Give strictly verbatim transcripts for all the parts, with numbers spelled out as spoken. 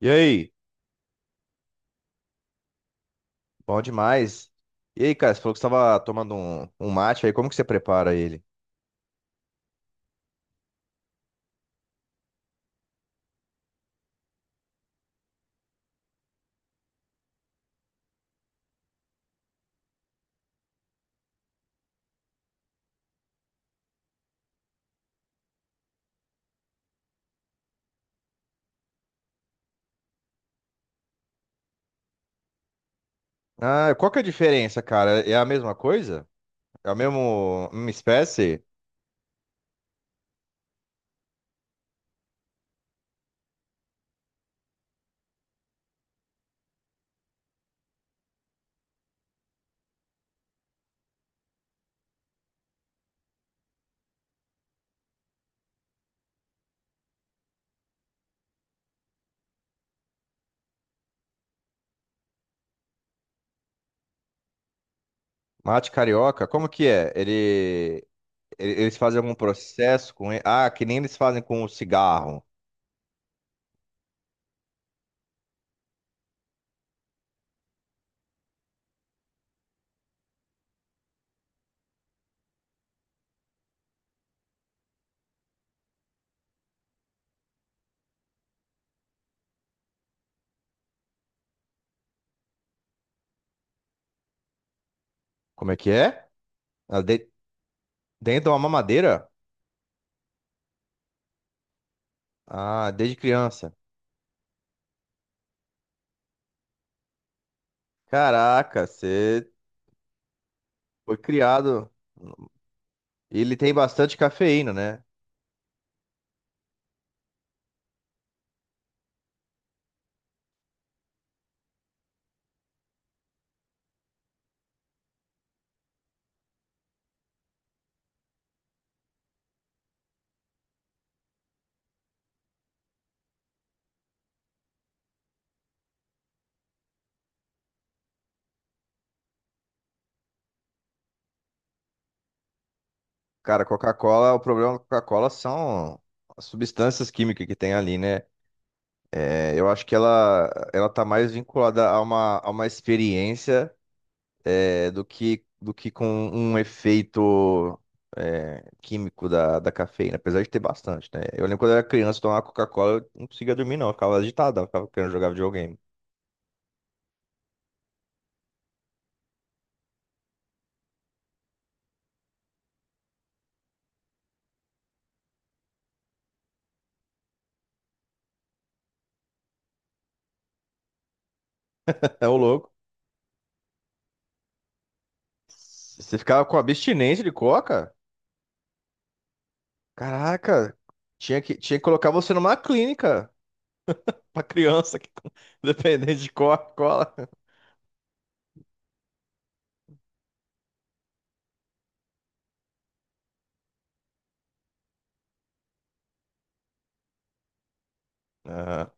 E aí? Bom demais. E aí, cara, você falou que você estava tomando um, um mate aí, como que você prepara ele? Ah, qual que é a diferença, cara? É a mesma coisa? É a mesmo, mesma espécie? Mate carioca? Como que é? Ele, ele- eles fazem algum processo com ele? Ah, que nem eles fazem com o cigarro. Como é que é? Ah, de- dentro de uma mamadeira? Ah, desde criança. Caraca, você foi criado. Ele tem bastante cafeína, né? Cara, Coca-Cola, o problema da Coca-Cola são as substâncias químicas que tem ali, né? É, eu acho que ela, ela tá mais vinculada a uma, a uma experiência, é, do que, do que com um efeito, é, químico da, da cafeína, apesar de ter bastante, né? Eu lembro quando eu era criança, tomar Coca-Cola, eu não conseguia dormir, não. Eu ficava agitado, eu ficava querendo jogar videogame. É o louco. Você ficava com abstinência de coca? Caraca, tinha que, tinha que colocar você numa clínica. Pra criança que dependente de Coca-Cola. Aham.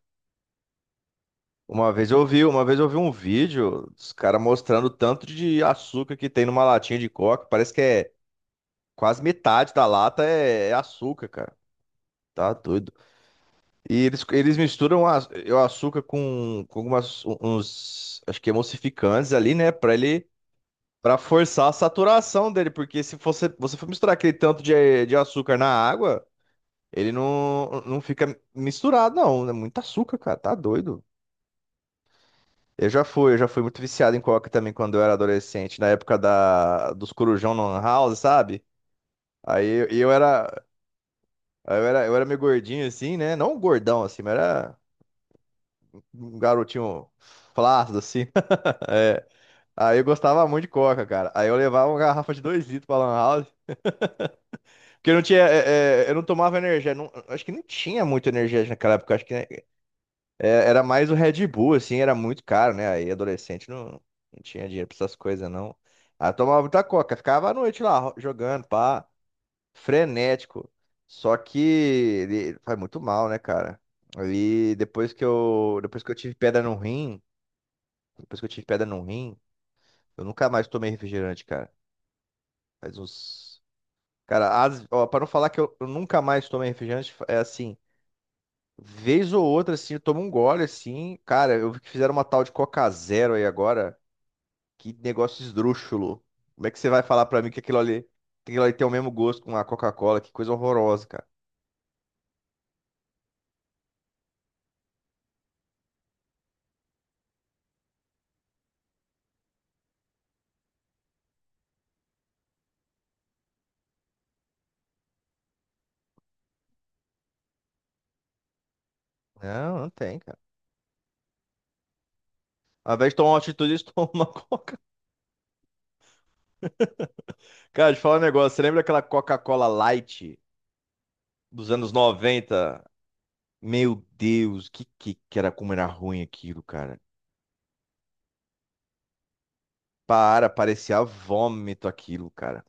Uma vez eu vi, uma vez eu vi um vídeo dos caras mostrando o tanto de açúcar que tem numa latinha de Coca. Parece que é quase metade da lata é, é açúcar, cara. Tá doido. E eles, eles misturam a- o açúcar com, com algumas, uns, acho que emulsificantes ali, né? Pra ele, pra forçar a saturação dele. Porque se você, você for misturar aquele tanto de, de açúcar na água. Ele não, não fica misturado, não. É muito açúcar, cara. Tá doido. Eu já fui, eu já fui muito viciado em coca também quando eu era adolescente, na época da, dos corujão no lan house, sabe? Aí eu, eu era, eu era, eu era meio gordinho assim, né? Não gordão assim, mas era um garotinho flácido assim. É. Aí eu gostava muito de coca, cara. Aí eu levava uma garrafa de dois litros pra lan house. Porque eu não tinha, é, é, eu não tomava energia, não- acho que não tinha muito energia naquela época, acho que né. É, era mais o Red Bull, assim, era muito caro, né? Aí adolescente não, não tinha dinheiro pra essas coisas, não. Aí tomava muita coca, ficava à noite lá ro- jogando, pá, frenético. Só que ele faz muito mal, né, cara? Aí depois que eu, depois que eu tive pedra no rim, depois que eu tive pedra no rim, eu nunca mais tomei refrigerante, cara. Faz uns. Cara, as... ó, pra não falar que eu, eu nunca mais tomei refrigerante, é assim. Vez ou outra, assim, eu tomo um gole, assim. Cara, eu vi que fizeram uma tal de Coca Zero aí agora. Que negócio esdrúxulo. Como é que você vai falar pra mim que aquilo ali, que aquilo ali tem o mesmo gosto com a Coca-Cola? Que coisa horrorosa, cara. Não, não tem, cara. Ao invés de tomar uma atitude, eles tomam uma Coca. Cara, te falar um negócio. Você lembra daquela Coca-Cola Light dos anos noventa? Meu Deus, que que que era como era ruim aquilo, cara. Para, parecia vômito aquilo, cara.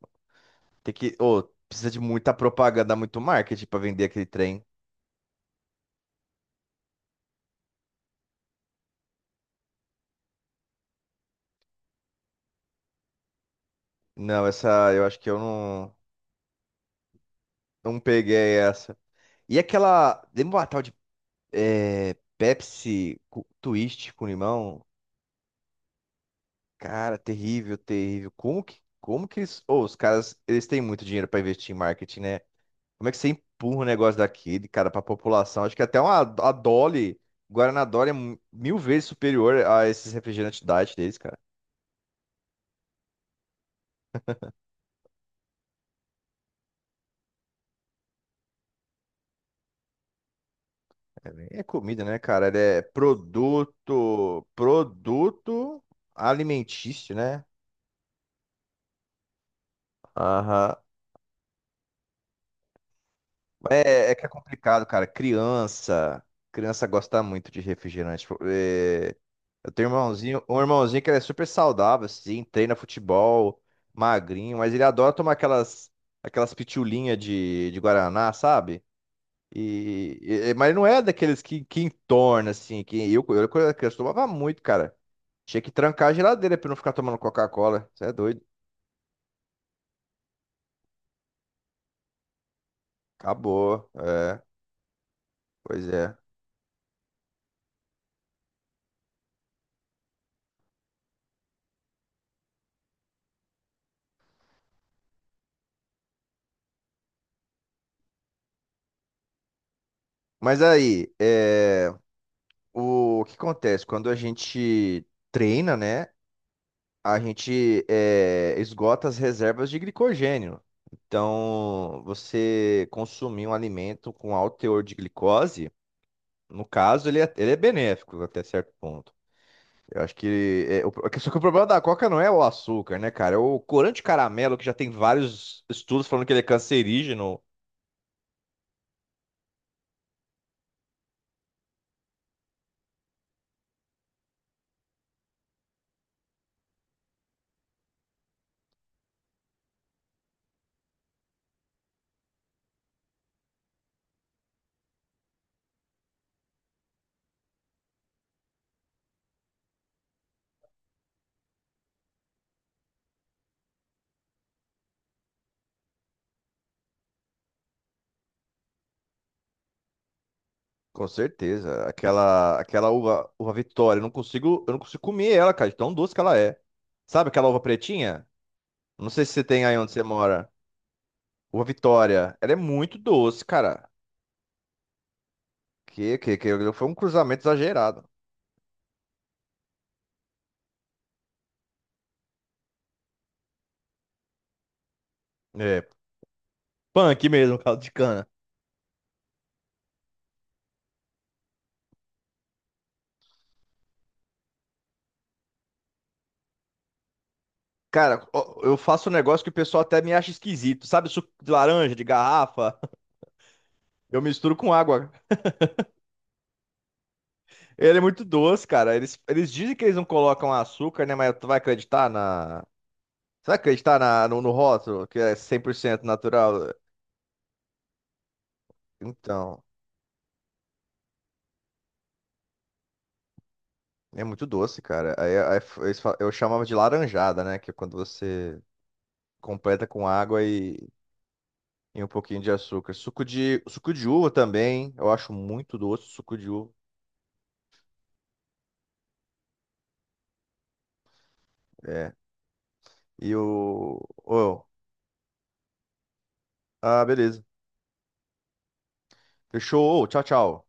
Tem que, ô, precisa de muita propaganda, muito marketing pra vender aquele trem. Não, essa, eu acho que eu não, não peguei essa. E aquela. Lembra uma tal de é, Pepsi com- Twist com limão? Cara, terrível, terrível. Como que, como que eles. Ô, os caras, eles têm muito dinheiro pra investir em marketing, né? Como é que você empurra um negócio daquele, cara, pra população? Acho que até uma, a Dolly, Guaraná Dolly é mu- mil vezes superior a esses refrigerantes diet deles, cara. É, nem é comida, né, cara? Ele é produto. Produto alimentício, né? Aham. É, é que é complicado, cara. Criança, criança gosta muito de refrigerante. Tipo, é, eu tenho um irmãozinho, um irmãozinho que ele é super saudável, assim, treina futebol, magrinho, mas ele adora tomar aquelas, aquelas pitulinhas de, de Guaraná, sabe? E, e- mas não é daqueles que, que entorna, assim, que eu, eu quando era criança tomava muito, cara. Tinha que trancar a geladeira pra eu não ficar tomando Coca-Cola. Você é doido. Acabou. É, pois é. Mas aí, é. O que acontece? Quando a gente treina, né? A gente eh, esgota as reservas de glicogênio. Então, você consumir um alimento com alto teor de glicose, no caso, ele é, ele é benéfico até certo ponto. Eu acho que, é, o- só que o problema da Coca não é o açúcar, né, cara? É o corante de caramelo, que já tem vários estudos falando que ele é cancerígeno. Com certeza. Aquela, aquela uva, uva Vitória, eu não consigo, eu não consigo comer ela, cara, de tão doce que ela é. Sabe aquela uva pretinha? Não sei se você tem aí onde você mora. Uva Vitória, ela é muito doce, cara. Que, que, que foi um cruzamento exagerado. É, punk mesmo, caldo de cana. Cara, ó, eu faço um negócio que o pessoal até me acha esquisito. Sabe suco de laranja, de garrafa? Eu misturo com água. Ele é muito doce, cara. Eles, eles dizem que eles não colocam açúcar, né? Mas tu vai acreditar na. Será que a gente tá na- no, no rótulo, que é cem por cento natural? Então, é muito doce, cara. Aí, aí f- eles fa- eu chamava de laranjada, né? Que é quando você completa com água e, e um pouquinho de açúcar. Suco de, suco de uva também, eu acho muito doce, o suco de uva. É. E o... ô, ah, beleza. Fechou. Ô, tchau, tchau.